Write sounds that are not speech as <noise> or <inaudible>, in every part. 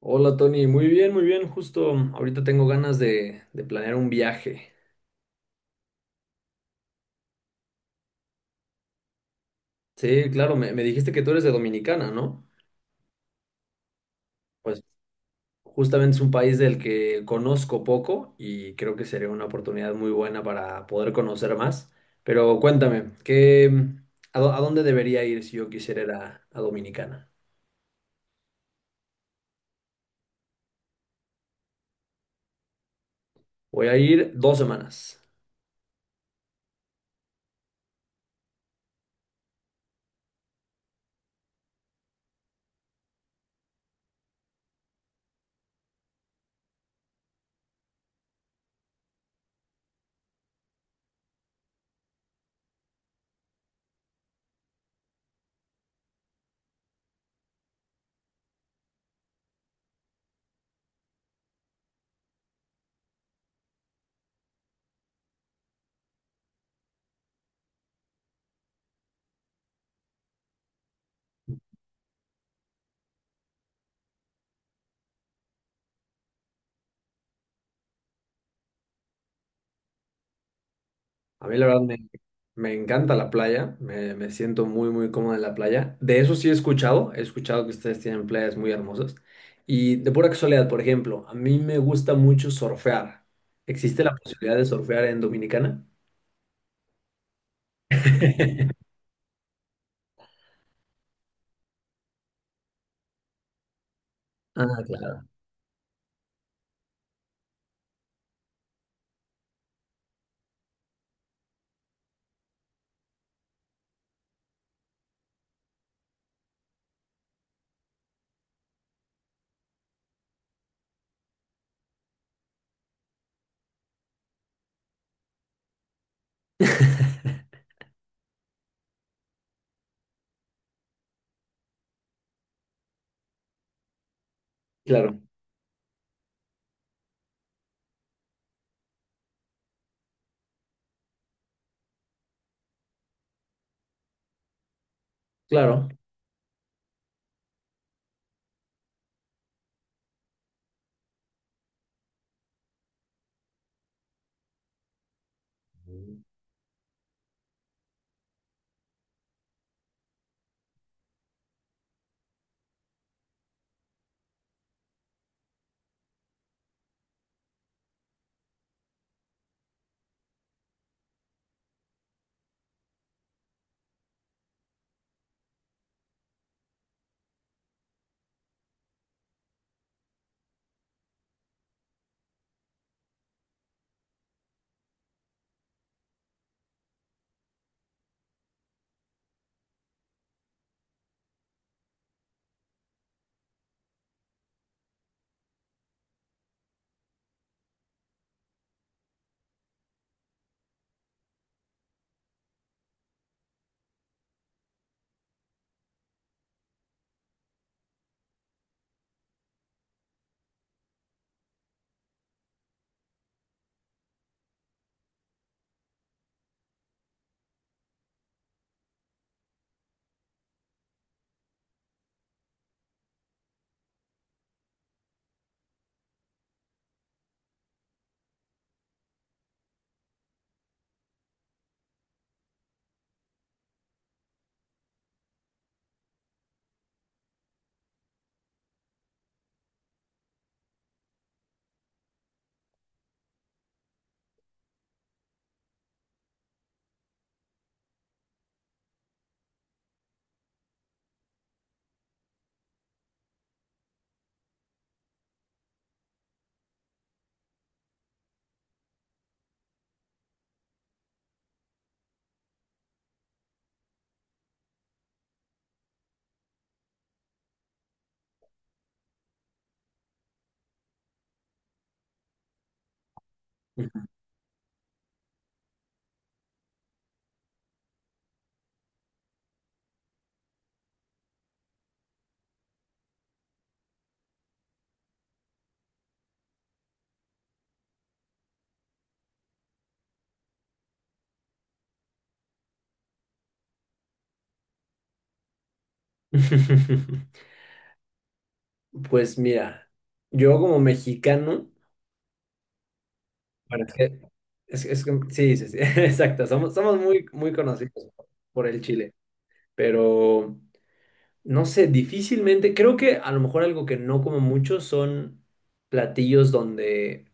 Hola Tony, muy bien, muy bien. Justo ahorita tengo ganas de planear un viaje. Sí, claro, me dijiste que tú eres de Dominicana, ¿no? Pues justamente es un país del que conozco poco y creo que sería una oportunidad muy buena para poder conocer más. Pero cuéntame, ¿qué, a dónde debería ir si yo quisiera ir a Dominicana? Voy a ir dos semanas. A mí la verdad me encanta la playa, me siento muy muy cómodo en la playa. De eso sí he escuchado que ustedes tienen playas muy hermosas. Y de pura casualidad, por ejemplo, a mí me gusta mucho surfear. ¿Existe la posibilidad de surfear en Dominicana? <laughs> Ah, claro. <laughs> Claro, claro. <laughs> Pues mira, yo como mexicano, bueno, es que- sí, sí, sí, <laughs> exacto, somos, somos muy, muy conocidos por el chile, pero... No sé, difícilmente. Creo que a lo mejor algo que no como mucho son platillos donde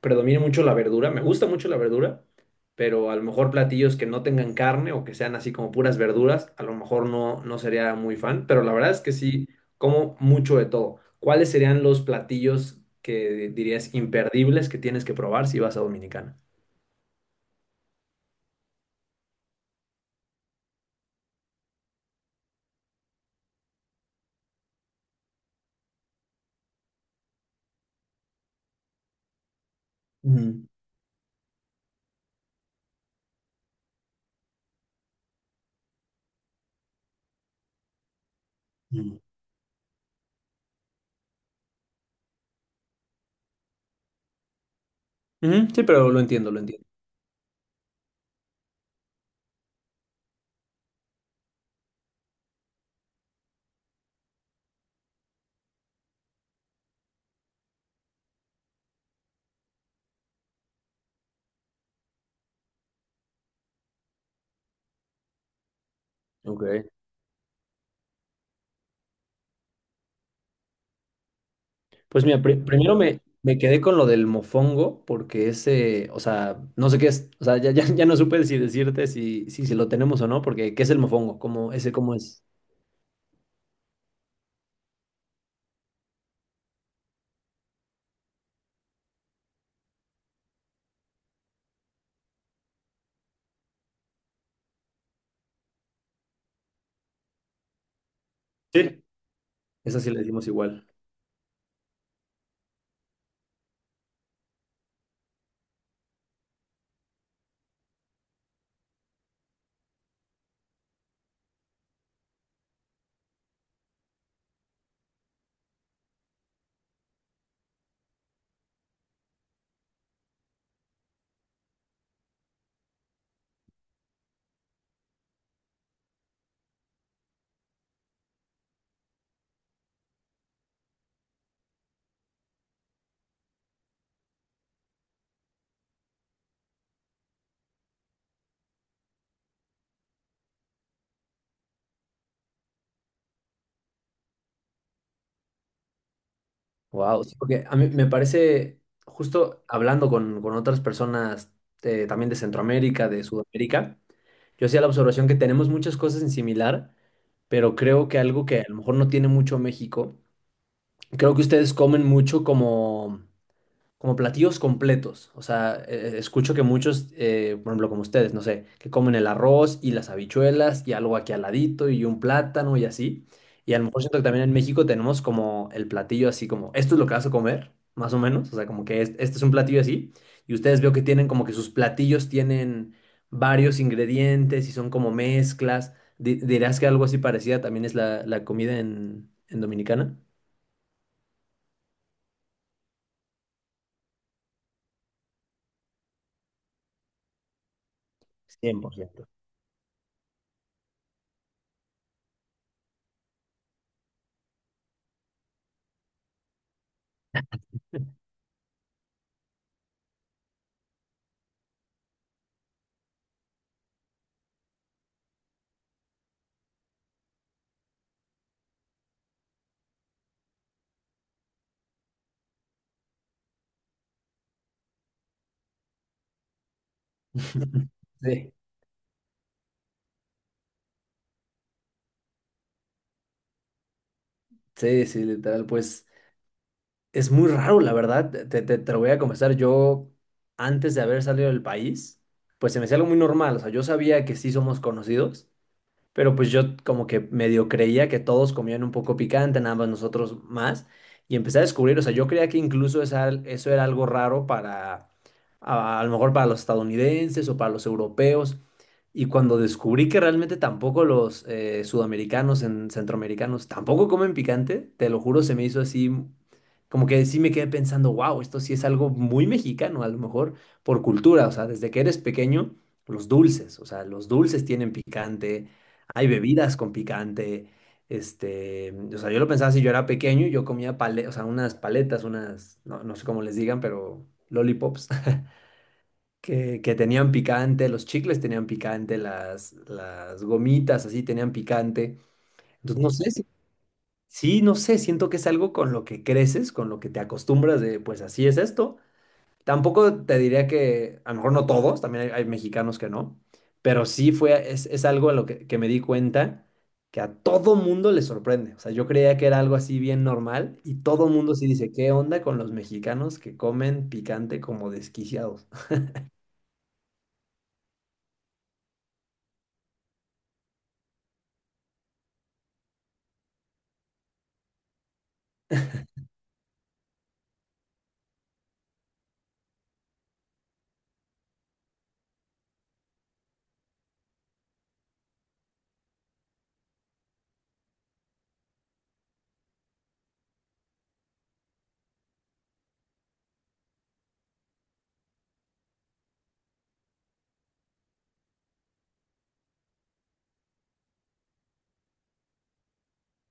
predomine mucho la verdura. Me gusta mucho la verdura, pero a lo mejor platillos que no tengan carne o que sean así como puras verduras, a lo mejor no, no sería muy fan. Pero la verdad es que sí, como mucho de todo. ¿Cuáles serían los platillos que dirías imperdibles que tienes que probar si vas a Dominicana? Ujú. Ujú. Ujú. Sí, pero lo entiendo, lo entiendo. Ok. Pues mira, primero me quedé con lo del mofongo, porque ese, o sea, no sé qué es, o sea, ya, ya, ya no supe si decirte si lo tenemos o no, porque ¿qué es el mofongo? ¿Cómo, ese cómo es? Sí. Esa sí le decimos igual. Wow, porque a mí me parece, justo hablando con otras personas también de Centroamérica, de Sudamérica, yo hacía la observación que tenemos muchas cosas en similar, pero creo que algo que a lo mejor no tiene mucho México, creo que ustedes comen mucho como. Como platillos completos. O sea, escucho que muchos, por ejemplo, como ustedes, no sé, que comen el arroz y las habichuelas y algo aquí al ladito y un plátano y así. Y a lo mejor siento que también en México tenemos como el platillo así como, esto es lo que vas a comer, más o menos. O sea, como que este es un platillo así. Y ustedes veo que tienen como que sus platillos tienen varios ingredientes y son como mezclas. ¿Dirás que algo así parecida también es la comida en Dominicana? 100%. <laughs> Sí. Sí, sí, literal, pues es muy raro, la verdad, te lo voy a confesar, yo antes de haber salido del país, pues se me hacía algo muy normal, o sea, yo sabía que sí somos conocidos, pero pues yo como que medio creía que todos comían un poco picante, nada más nosotros más, y empecé a descubrir, o sea, yo creía que incluso eso era algo raro para a lo mejor para los estadounidenses o para los europeos. Y cuando descubrí que realmente tampoco los sudamericanos, centroamericanos, tampoco comen picante, te lo juro, se me hizo así, como que sí me quedé pensando, wow, esto sí es algo muy mexicano, a lo mejor por cultura, o sea, desde que eres pequeño, los dulces, o sea, los dulces tienen picante, hay bebidas con picante. Este, o sea, yo lo pensaba si yo era pequeño, yo comía pale, o sea, unas paletas, unas, no, no sé cómo les digan, pero lollipops que tenían picante, los chicles tenían picante, las gomitas así tenían picante. Entonces, no sé, sí, no sé, siento que es algo con lo que creces, con lo que te acostumbras de, pues así es esto. Tampoco te diría que, a lo mejor no todos, también hay mexicanos que no, pero es algo a lo que me di cuenta que a todo mundo le sorprende. O sea, yo creía que era algo así bien normal y todo mundo sí dice, ¿qué onda con los mexicanos que comen picante como desquiciados?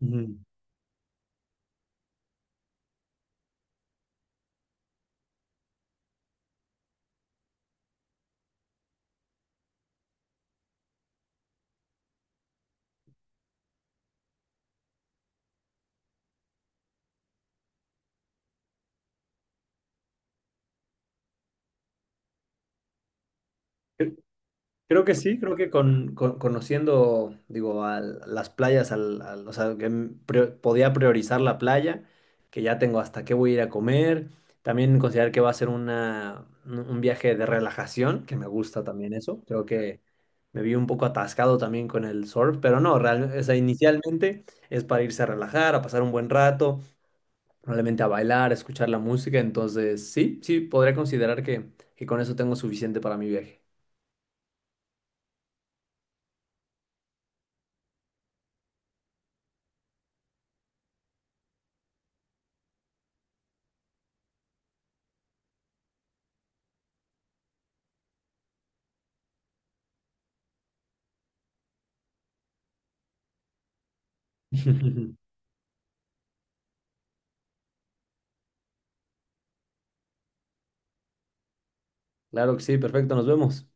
Ujú. Creo que sí, creo que conociendo, digo, las playas, o sea, que podía priorizar la playa, que ya tengo hasta qué voy a ir a comer, también considerar que va a ser una, un viaje de relajación, que me gusta también eso, creo que me vi un poco atascado también con el surf, pero no, o sea, inicialmente es para irse a relajar, a pasar un buen rato, probablemente a bailar, a escuchar la música, entonces sí, sí, podría considerar que con eso tengo suficiente para mi viaje. <laughs> Claro que sí, perfecto, nos vemos.